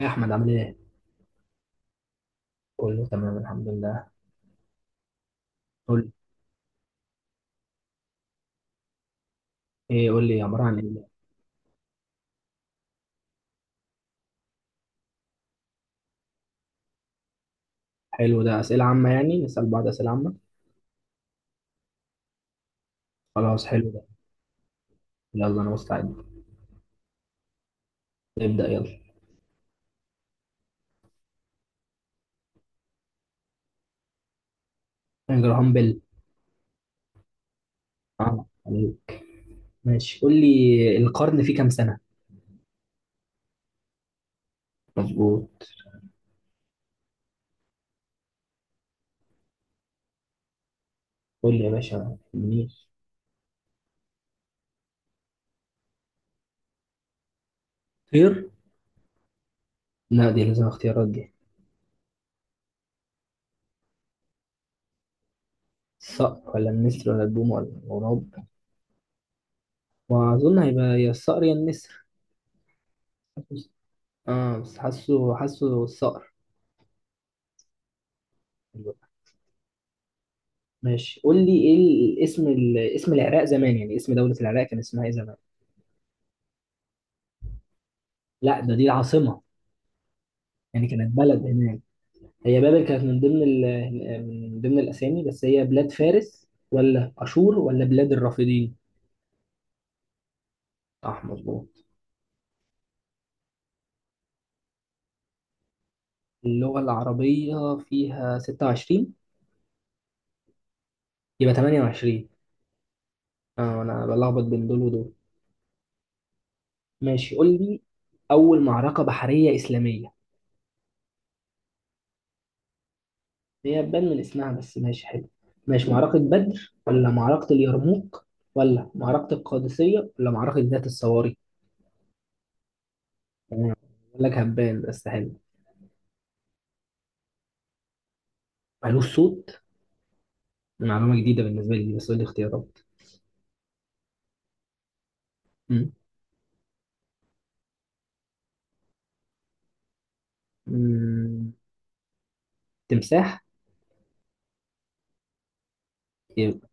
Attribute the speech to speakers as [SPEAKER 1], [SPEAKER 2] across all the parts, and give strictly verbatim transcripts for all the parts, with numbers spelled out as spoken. [SPEAKER 1] إيه يا احمد، عامل ايه؟ كله تمام الحمد لله. قول لي ايه؟ قول لي عباره عن ايه؟ حلو، ده اسئله عامه يعني، نسال بعض اسئله عامه؟ خلاص، حلو ده. يلا انا مستعد. نبدا، يلا. جراهام بيل. اه عليك. ماشي، قول لي القرن فيه كام سنه. مظبوط. قول لي يا باشا منير. طير. لا، دي لازم اختيارات دي. الصقر ولا النسر ولا البوم ولا الغراب. واظن هيبقى يا الصقر يا النسر. اه بس حاسه حاسه الصقر. ماشي، قول لي ايه ال- اسم ال- اسم العراق زمان، يعني اسم دولة العراق كان اسمها ايه زمان؟ لا، ده دي العاصمة. يعني كانت بلد هناك. هي بابل كانت من ضمن ال- من ضمن الاسامي، بس هي بلاد فارس ولا اشور ولا بلاد الرافدين؟ صح، مظبوط. اللغة العربية فيها ستة وعشرين. يبقى ثمانية وعشرين. اه انا بلخبط بين دول ودول. ماشي، قول لي اول معركة بحرية اسلامية. هي تبان من اسمها، بس ماشي حلو. ماشي، معركة بدر ولا معركة اليرموك ولا معركة القادسية ولا معركة ذات الصواري؟ يعني، بقول لك هبان بس حلو. مالوش صوت؟ دي معلومة جديدة بالنسبة لي دي، بس قول لي اختيارات. مم. مم. تمساح. يبقى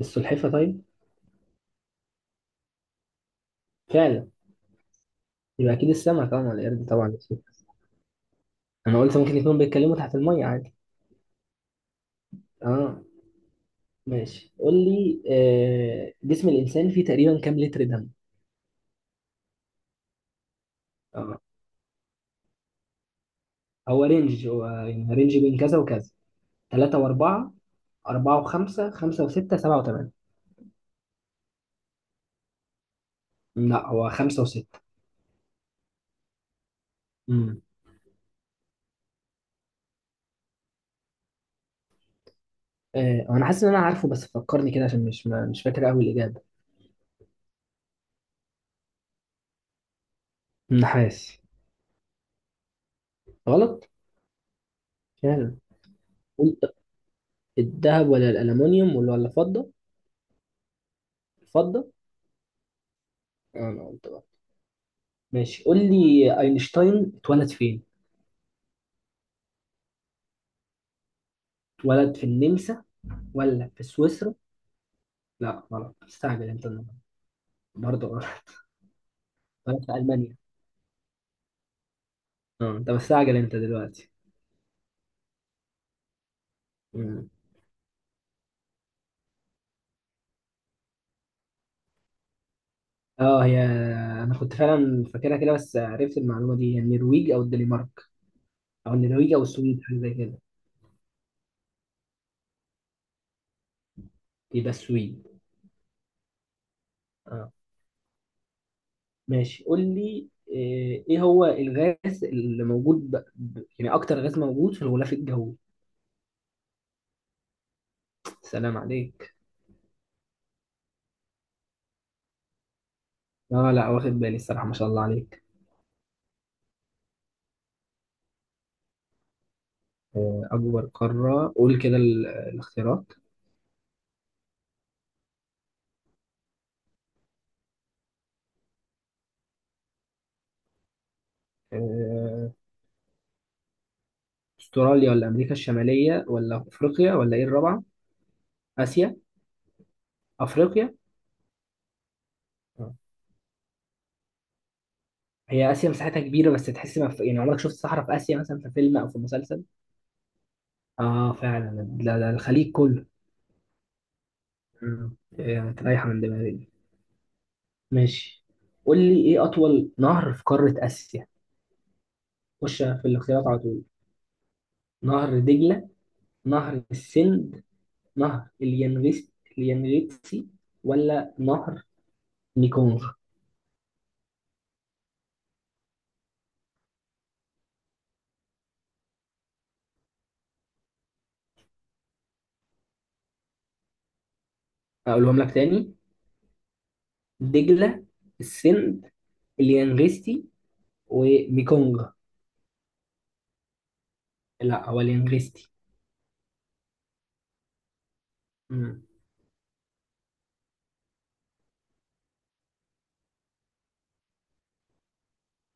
[SPEAKER 1] السلحفة طيب. فعلا. يبقى أكيد السمك، طبعا القرد، طبعا السمك. أنا قلت ممكن يكونوا بيتكلموا تحت المية عادي. اه. ماشي، قول لي آه، جسم الإنسان فيه تقريبا كام لتر دم؟ اه. هو رينج، هو يعني رينج بين كذا وكذا. تلاتة وأربعة، أربعة وخمسة، خمسة وستة، سبعة وتمانية. لا، هو خمسة وستة. امم آه، هو أنا حاسس إن أنا عارفه، بس فكرني كده عشان مش ما- مش فاكر أوي الإجابة. النحاس. غلط، فعلا. قلت الذهب ولا الألمنيوم ولا ولا الفضة. الفضة. آه، أنا قلت بقى. ماشي، قول لي أينشتاين اتولد فين؟ اتولد في النمسا ولا في سويسرا؟ لا، غلط. مستعجل أنت النهارده. برضه غلط. اتولد في ألمانيا. أه أنت مستعجل أنت دلوقتي. اه هي. انا كنت فعلا فاكرها كده، بس عرفت المعلومه دي، هي النرويج او الدنمارك او النرويج او السويد، حاجه زي كده. يبقى السويد. اه. ماشي، قول لي آه، ايه هو الغاز اللي موجود ب... ب- يعني اكتر غاز موجود في الغلاف الجوي؟ سلام عليك. اه لا، واخد بالي الصراحه، ما شاء الله عليك. آه، اكبر قاره، قول كده ال- الاختيارات. آه، استراليا ولا امريكا الشماليه ولا افريقيا ولا ايه الرابعه؟ اسيا. افريقيا. هي آسيا مساحتها كبيرة بس تحس ما في، يعني عمرك شفت صحراء في آسيا مثلا في فيلم أو في مسلسل؟ آه فعلا، لا لا الخليج كله. مم. يعني رايحة من دماغي دي. ماشي، قول لي إيه أطول نهر في قارة آسيا؟ خش في الاختيارات على طول. نهر دجلة، نهر السند، نهر اليانغس، اليانغتسي، ولا نهر ميكونغ. أقولهم لك تاني. دجلة، السند، اليانغستي، وميكونغ. لا، هو اليانغستي. مم.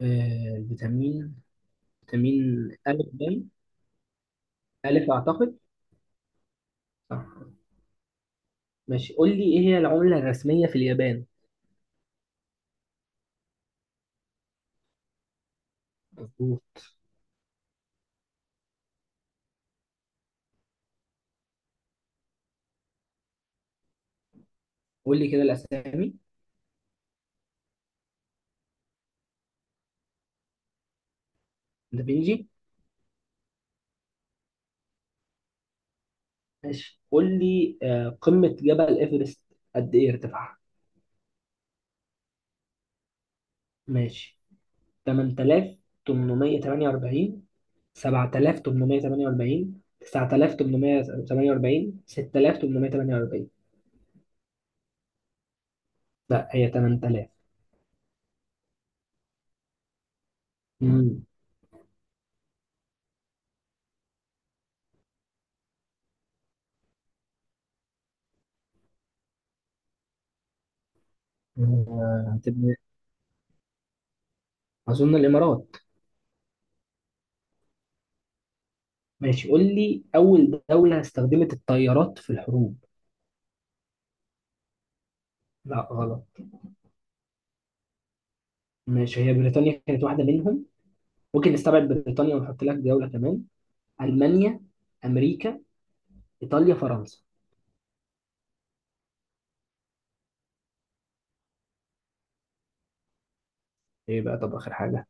[SPEAKER 1] آه الفيتامين. فيتامين ألف باين. ألف أعتقد. صح. ماشي، قول لي إيه هي العملة الرسمية في اليابان. مظبوط. قول لي كده الأسامي. دافينشي. ماشي، قول لي آه، قمة جبل إيفرست قد إيه ارتفاعها؟ ماشي. ثمانية آلاف وثمنمية وتمنية وأربعين، سبعة آلاف وثمنمية وتمنية وأربعين، تسعة آلاف وثمنمية وتمنية وأربعين، ستة آلاف وثمنمية وتمنية وأربعين. لا، هي ثمانية آلاف. امم. آه، هتبقى أظن الإمارات. ماشي، قول لي أول دولة استخدمت الطيارات في الحروب. لا، غلط. ماشي، هي بريطانيا كانت واحدة منهم. ممكن نستبعد بريطانيا ونحط لك دولة كمان. ألمانيا، أمريكا، إيطاليا، فرنسا. إيه بقى، طب آخر حاجة.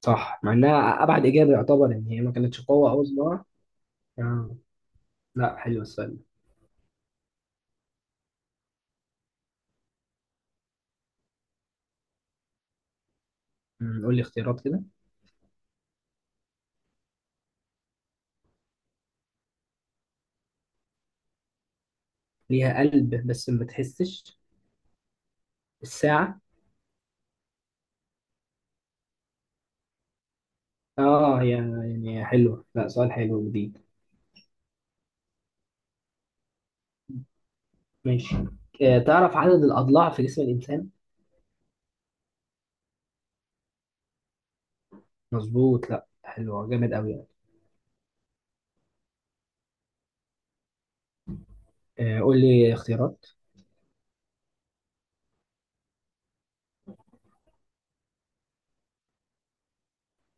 [SPEAKER 1] صح، مع إنها أبعد إجابة، يعتبر إن هي ما كانتش قوة أو صداع. آه. لا، حلو السؤال ده. أمم، قول لي اختيارات كده. ليها قلب بس ما تحسش. الساعة. آه، هي يعني حلوة، لا سؤال حلو جديد. ماشي. آه، تعرف عدد الأضلاع في جسم الإنسان؟ مظبوط، لا حلوة، جامد قوي يعني. آه، قول لي اختيارات.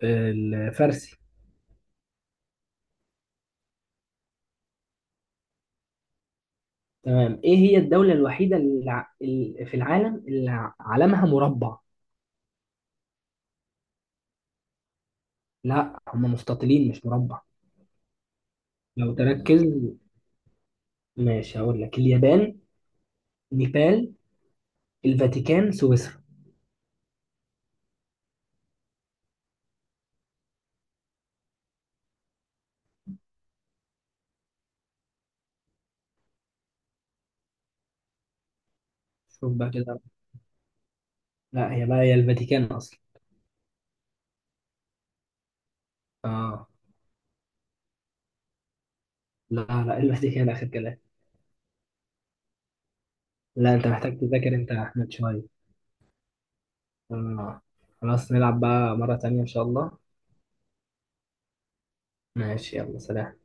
[SPEAKER 1] الفارسي. تمام، ايه هي الدولة الوحيدة اللي ع- ال- في العالم اللي ع- علمها مربع؟ لا، هم مستطيلين مش مربع. لو تركز. ماشي، هقول لك اليابان، نيبال، الفاتيكان، سويسرا. شوف بقى كده. لا، هي بقى هي الفاتيكان اصلا. اه. لا لا، الفاتيكان اخر كلام. لا، انت محتاج تذاكر انت يا احمد شوية. اه. خلاص، نلعب بقى مرة تانية ان شاء الله. ماشي، يلا سلام.